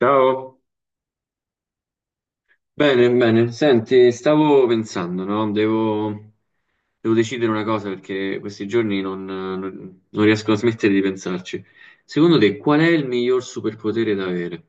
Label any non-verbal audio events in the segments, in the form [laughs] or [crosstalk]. Ciao, bene, bene. Senti, stavo pensando, no? Devo decidere una cosa perché questi giorni non riesco a smettere di pensarci. Secondo te, qual è il miglior superpotere da avere?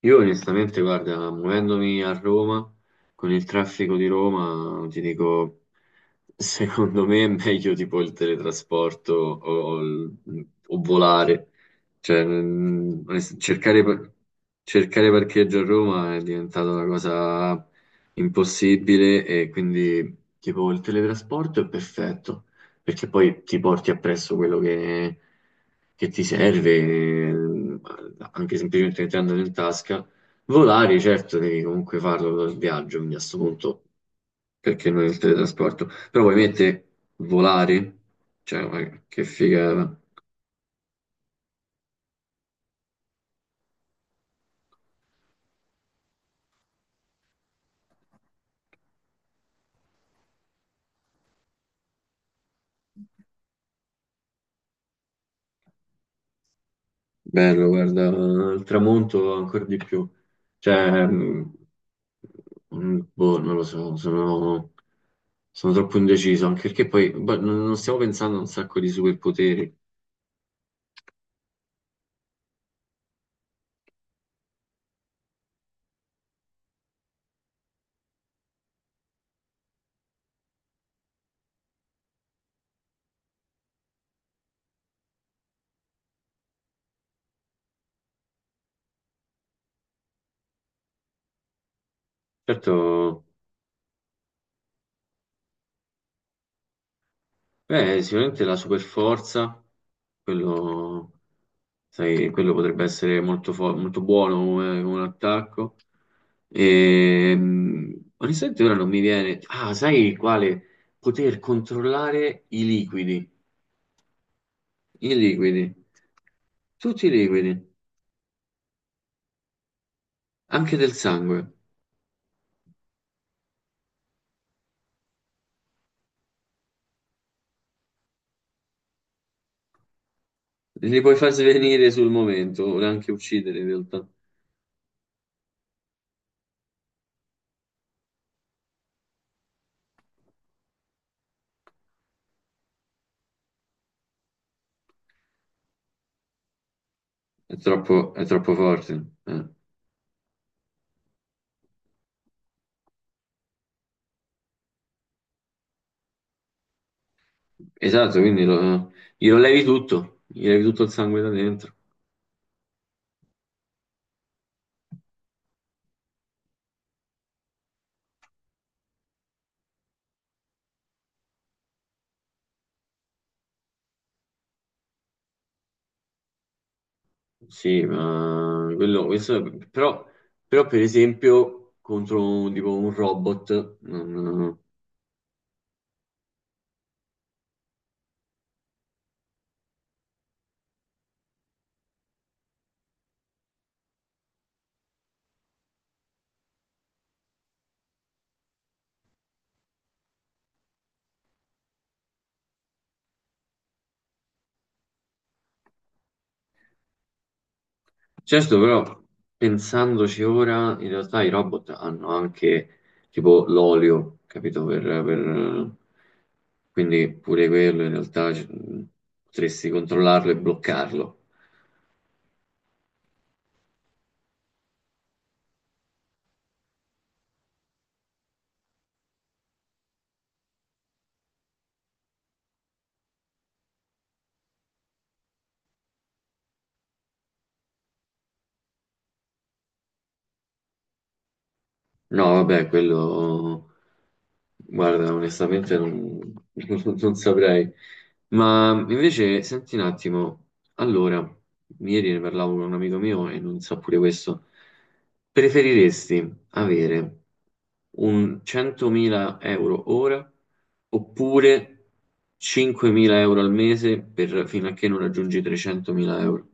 Io onestamente, guarda, muovendomi a Roma, con il traffico di Roma, ti dico, secondo me è meglio tipo il teletrasporto o il- o volare. Cioè, cercare, cercare parcheggio a Roma è diventata una cosa impossibile e quindi tipo il teletrasporto è perfetto perché poi ti porti appresso quello che ti serve, anche semplicemente mettendolo in tasca. Volare, certo, devi comunque farlo dal viaggio, quindi a questo punto, perché non il teletrasporto? Però ovviamente volare, cioè, ma che figa, bello, guarda, il tramonto ancora di più. Cioè, boh, non lo so, sono. Sono troppo indeciso, anche perché poi boh, non stiamo pensando a un sacco di superpoteri. Certo, beh, sicuramente la super forza, quello, sai, quello potrebbe essere molto, molto buono come un attacco. Onestamente ora non mi viene. Ah, sai quale? Poter controllare i liquidi, tutti i liquidi, anche del sangue. Li puoi far svenire sul momento, o anche uccidere in realtà. È troppo forte. Eh. Esatto, quindi glielo levi tutto, gli levi tutto il sangue da dentro. Sì, ma quello, però per esempio contro tipo un robot, certo. Però pensandoci ora, in realtà i robot hanno anche tipo l'olio, capito? Quindi pure quello in realtà potresti controllarlo e bloccarlo. No, vabbè, quello. Guarda, onestamente non, [laughs] non saprei. Ma invece, senti un attimo, allora, ieri ne parlavo con un amico mio e non so pure questo. Preferiresti avere un 100.000 euro ora oppure 5.000 euro al mese per, fino a che non raggiungi 300.000 euro?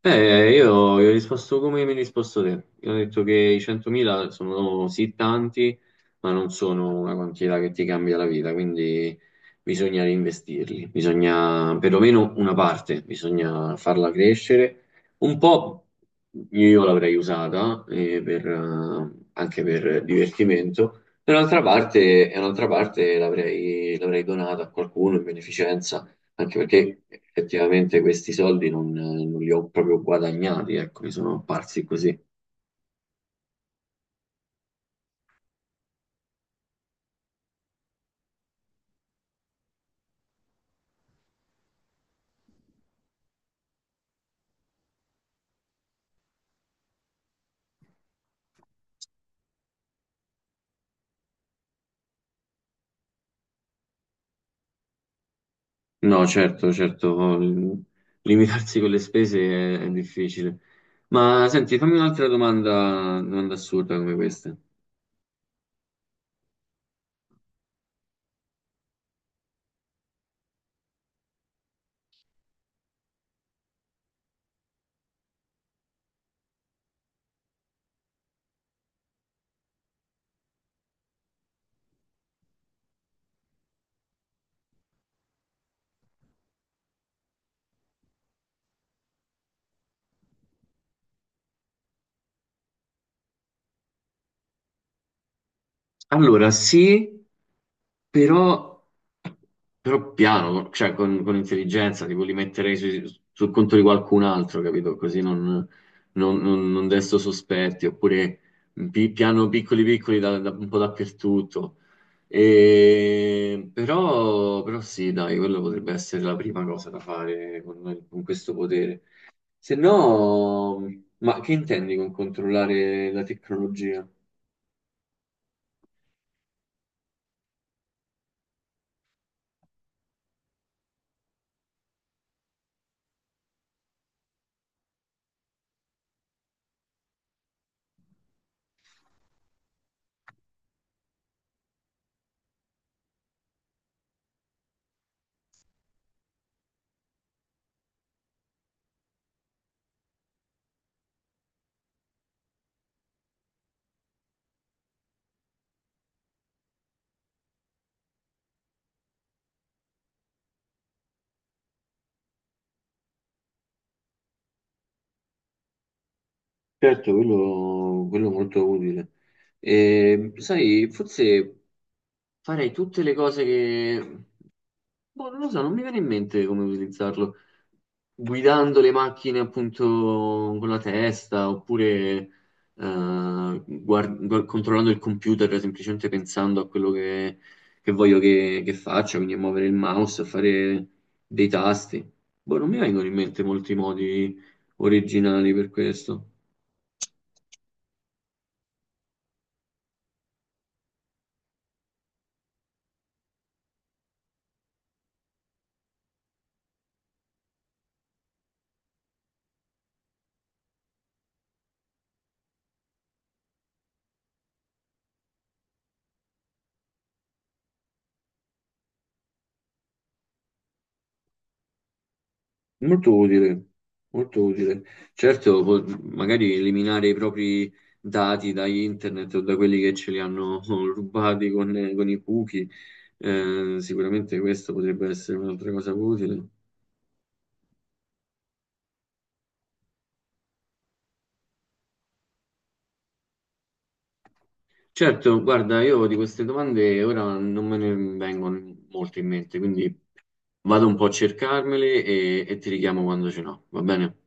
Io ho risposto come mi hai risposto te. Io ho detto che i 100.000 sono sì tanti, ma non sono una quantità che ti cambia la vita, quindi bisogna reinvestirli, bisogna perlomeno una parte, bisogna farla crescere. Un po' io l'avrei usata anche per divertimento, e un'altra parte l'avrei donata a qualcuno in beneficenza anche perché effettivamente questi soldi non li ho proprio guadagnati, ecco, mi sono apparsi così. No, certo, certo, limitarsi con le spese è difficile. Ma senti, fammi un'altra domanda, domanda assurda come questa. Allora, sì, però, però piano, cioè con intelligenza, tipo li metterei sul conto di qualcun altro, capito? Così non desto sospetti, oppure piano piccoli piccoli un po' dappertutto. E, però sì, dai, quello potrebbe essere la prima cosa da fare con questo potere. Se no, ma che intendi con controllare la tecnologia? Certo, quello è molto utile. E, sai, forse farei tutte le cose che. Boh, non lo so, non mi viene in mente come utilizzarlo. Guidando le macchine appunto con la testa, oppure controllando il computer, semplicemente pensando a quello che voglio che faccia, quindi a muovere il mouse, a fare dei tasti. Boh, non mi vengono in mente molti modi originali per questo. Molto utile, molto utile. Certo, magari eliminare i propri dati da internet o da quelli che ce li hanno [laughs] rubati con i cookie, sicuramente questa potrebbe essere un'altra cosa utile. Certo, guarda, io di queste domande ora non me ne vengono molto in mente, quindi vado un po' a cercarmele e ti richiamo quando ce n'ho, va bene?